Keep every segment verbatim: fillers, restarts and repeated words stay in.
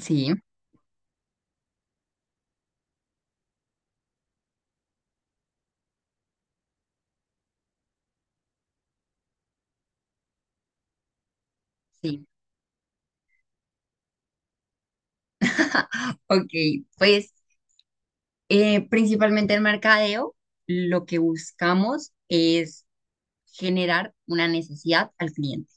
Sí, sí. Ok, pues eh, principalmente el mercadeo, lo que buscamos es generar una necesidad al cliente.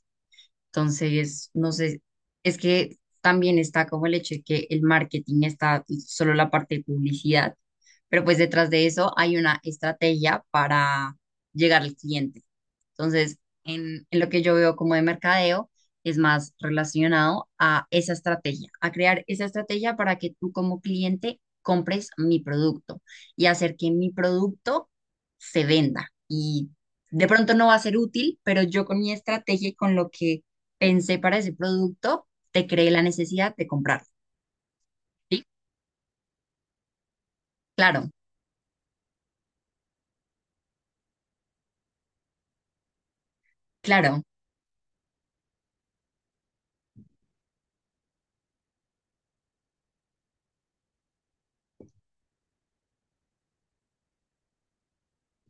Entonces, no sé, es que también está como el hecho de que el marketing está solo la parte de publicidad, pero pues detrás de eso hay una estrategia para llegar al cliente. Entonces, en, en lo que yo veo como de mercadeo, es más relacionado a esa estrategia, a crear esa estrategia para que tú como cliente compres mi producto y hacer que mi producto se venda. Y de pronto no va a ser útil, pero yo con mi estrategia y con lo que pensé para ese producto, te creé la necesidad de comprarlo. ¿Sí? Claro, claro.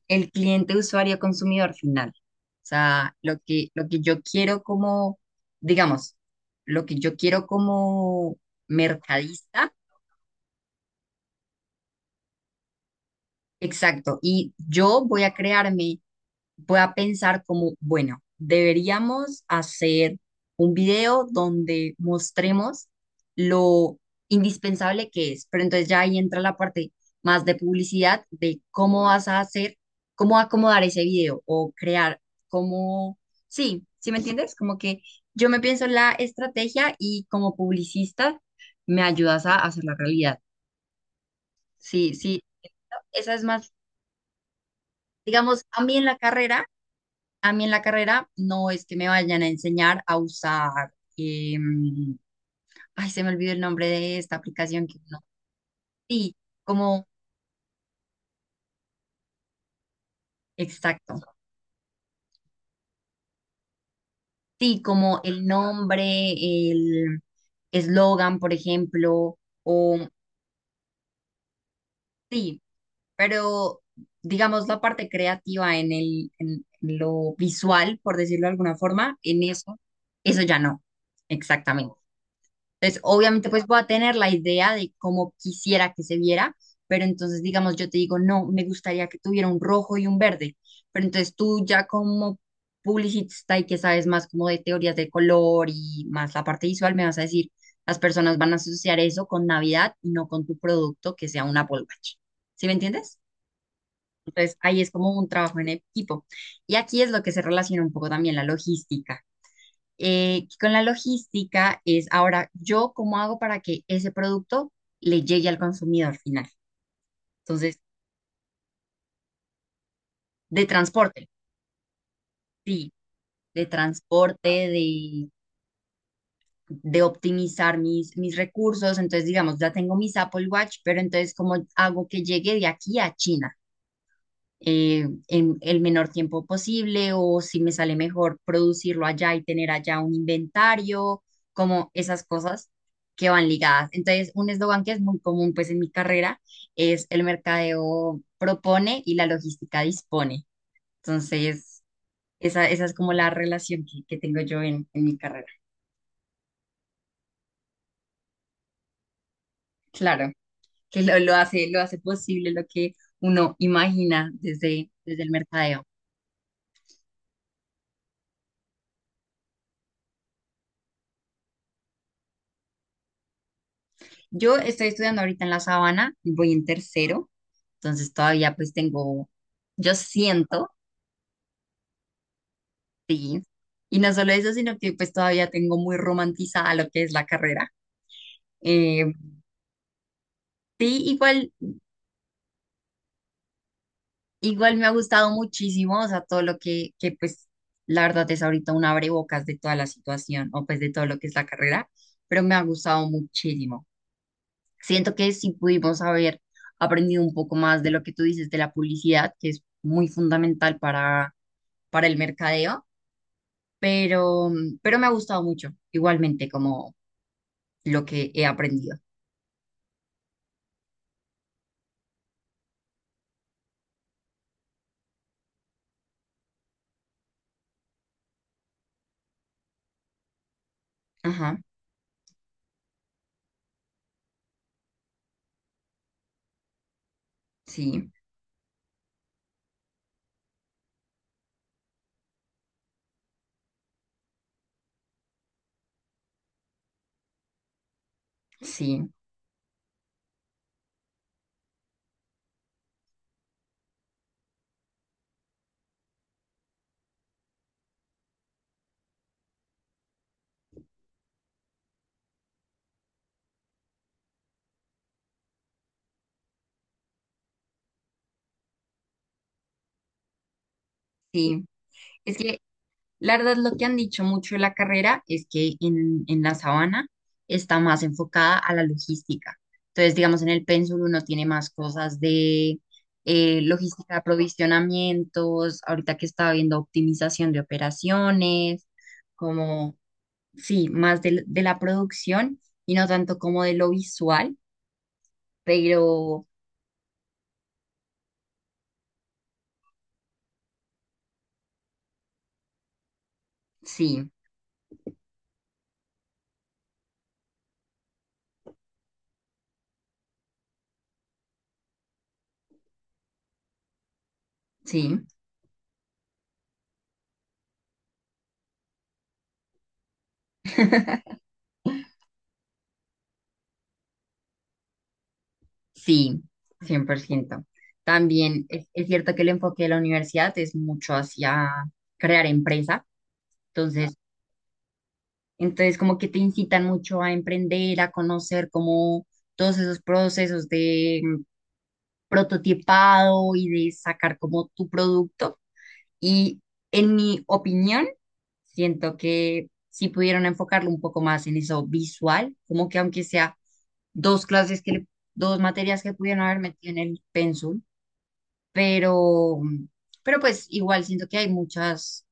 El cliente, usuario, consumidor final. O sea, lo que, lo que yo quiero como, digamos, lo que yo quiero como mercadista, exacto. Y yo voy a crearme pueda pensar como, bueno, deberíamos hacer un video donde mostremos lo indispensable que es, pero entonces ya ahí entra la parte más de publicidad, de cómo vas a hacer, cómo acomodar ese video o crear, cómo, sí, ¿sí me entiendes? Como que yo me pienso la estrategia y como publicista me ayudas a hacer la realidad. Sí, sí, esa es más, digamos, a mí en la carrera. A mí en la carrera no es que me vayan a enseñar a usar, em, ay, se me olvidó el nombre de esta aplicación que no, sí, como, exacto, sí, como el nombre, el eslogan, por ejemplo, o sí, pero digamos la parte creativa en el, en lo visual, por decirlo de alguna forma, en eso, eso ya no, exactamente. Entonces, obviamente, pues voy a tener la idea de cómo quisiera que se viera, pero entonces, digamos, yo te digo, no, me gustaría que tuviera un rojo y un verde, pero entonces tú ya como publicista y que sabes más como de teorías de color y más la parte visual, me vas a decir, las personas van a asociar eso con Navidad y no con tu producto que sea un Apple Watch. ¿Sí me entiendes? Entonces, ahí es como un trabajo en equipo. Y aquí es lo que se relaciona un poco también la logística, eh, con la logística es ahora yo cómo hago para que ese producto le llegue al consumidor final. Entonces, de transporte, sí, de transporte, de, de optimizar mis, mis recursos. Entonces, digamos, ya tengo mis Apple Watch, pero entonces, ¿cómo hago que llegue de aquí a China? Eh, en el menor tiempo posible, o si me sale mejor producirlo allá y tener allá un inventario, como esas cosas que van ligadas. Entonces, un eslogan que es muy común pues en mi carrera es el mercadeo propone y la logística dispone. Entonces, esa, esa es como la relación que, que tengo yo en, en mi carrera. Claro, que lo, lo hace, lo hace posible lo que uno imagina desde, desde el mercadeo. Yo estoy estudiando ahorita en La Sabana, voy en tercero, entonces todavía pues tengo, yo siento, sí, y no solo eso, sino que pues todavía tengo muy romantizada lo que es la carrera. Eh, sí, igual, igual me ha gustado muchísimo, o sea, todo lo que, que pues la verdad es ahorita un abrebocas de toda la situación o pues de todo lo que es la carrera, pero me ha gustado muchísimo. Siento que sí pudimos haber aprendido un poco más de lo que tú dices de la publicidad, que es muy fundamental para para el mercadeo, pero, mm, pero me ha gustado mucho, igualmente como lo que he aprendido. Ajá, sí, sí, sí. Es que la verdad lo que han dicho mucho de la carrera es que en, en la sabana está más enfocada a la logística. Entonces, digamos, en el pénsul uno tiene más cosas de eh, logística de aprovisionamientos, ahorita que estaba viendo optimización de operaciones, como sí, más del- de, la producción y no tanto como de lo visual, pero sí, sí, sí, cien por ciento. También es, es cierto que el enfoque de la universidad es mucho hacia crear empresa, entonces, entonces como que te incitan mucho a emprender, a conocer como todos esos procesos de mm, prototipado y de sacar como tu producto. Y en mi opinión, siento que si pudieron enfocarlo un poco más en eso visual, como que aunque sea dos clases que le- dos materias que pudieron haber metido en el pensum, pero pero pues igual siento que hay muchas,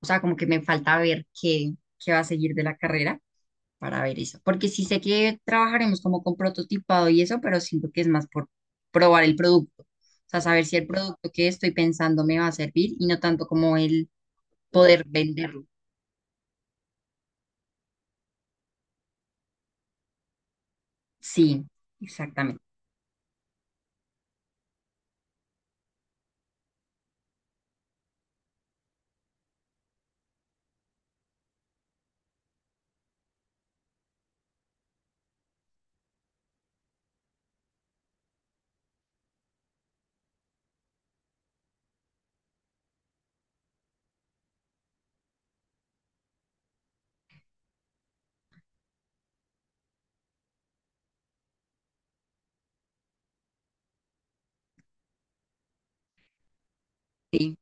o sea, como que me falta ver qué qué va a seguir de la carrera para ver eso, porque sí sé que trabajaremos como con prototipado y eso, pero siento que es más por probar el producto. O sea, saber si el producto que estoy pensando me va a servir y no tanto como el, poder venderlo. Sí, exactamente. Sí.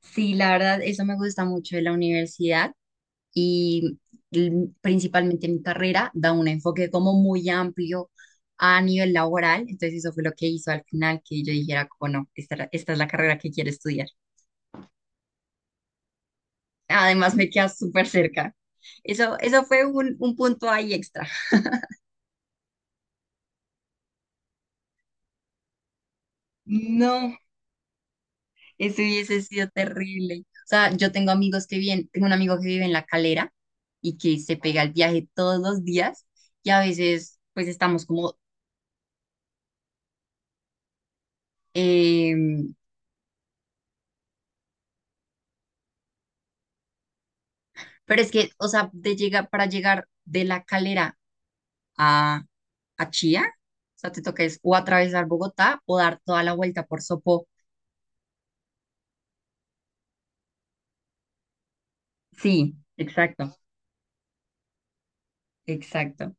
Sí, la verdad, eso me gusta mucho de la universidad y l- principalmente mi carrera da un enfoque como muy amplio a nivel laboral. Entonces eso fue lo que hizo al final que yo dijera, como no, esta, era- esta es la carrera que quiero estudiar. Además me queda súper cerca. Eso, eso fue un, un punto ahí extra. No. Eso hubiese sido terrible. O sea, yo tengo amigos que viven, tengo un amigo que vive en La Calera y que se pega el viaje todos los días y a veces pues estamos como, em, pero es que, o sea, de llegar, para llegar de La Calera a, a Chía, o sea, te toca es o atravesar Bogotá o dar toda la vuelta por Sopó. Sí, exacto, exacto.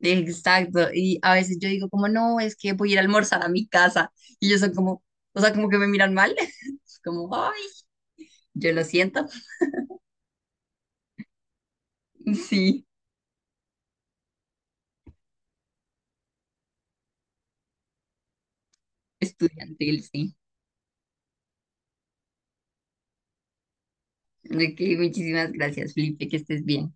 Exacto, y a veces yo digo como, no, es que voy a ir a almorzar a mi casa, y ellos son como, o sea, como que me miran mal, es como, ay, yo lo siento. Sí, estudiantil, sí. Ok, muchísimas gracias, Felipe, que estés bien.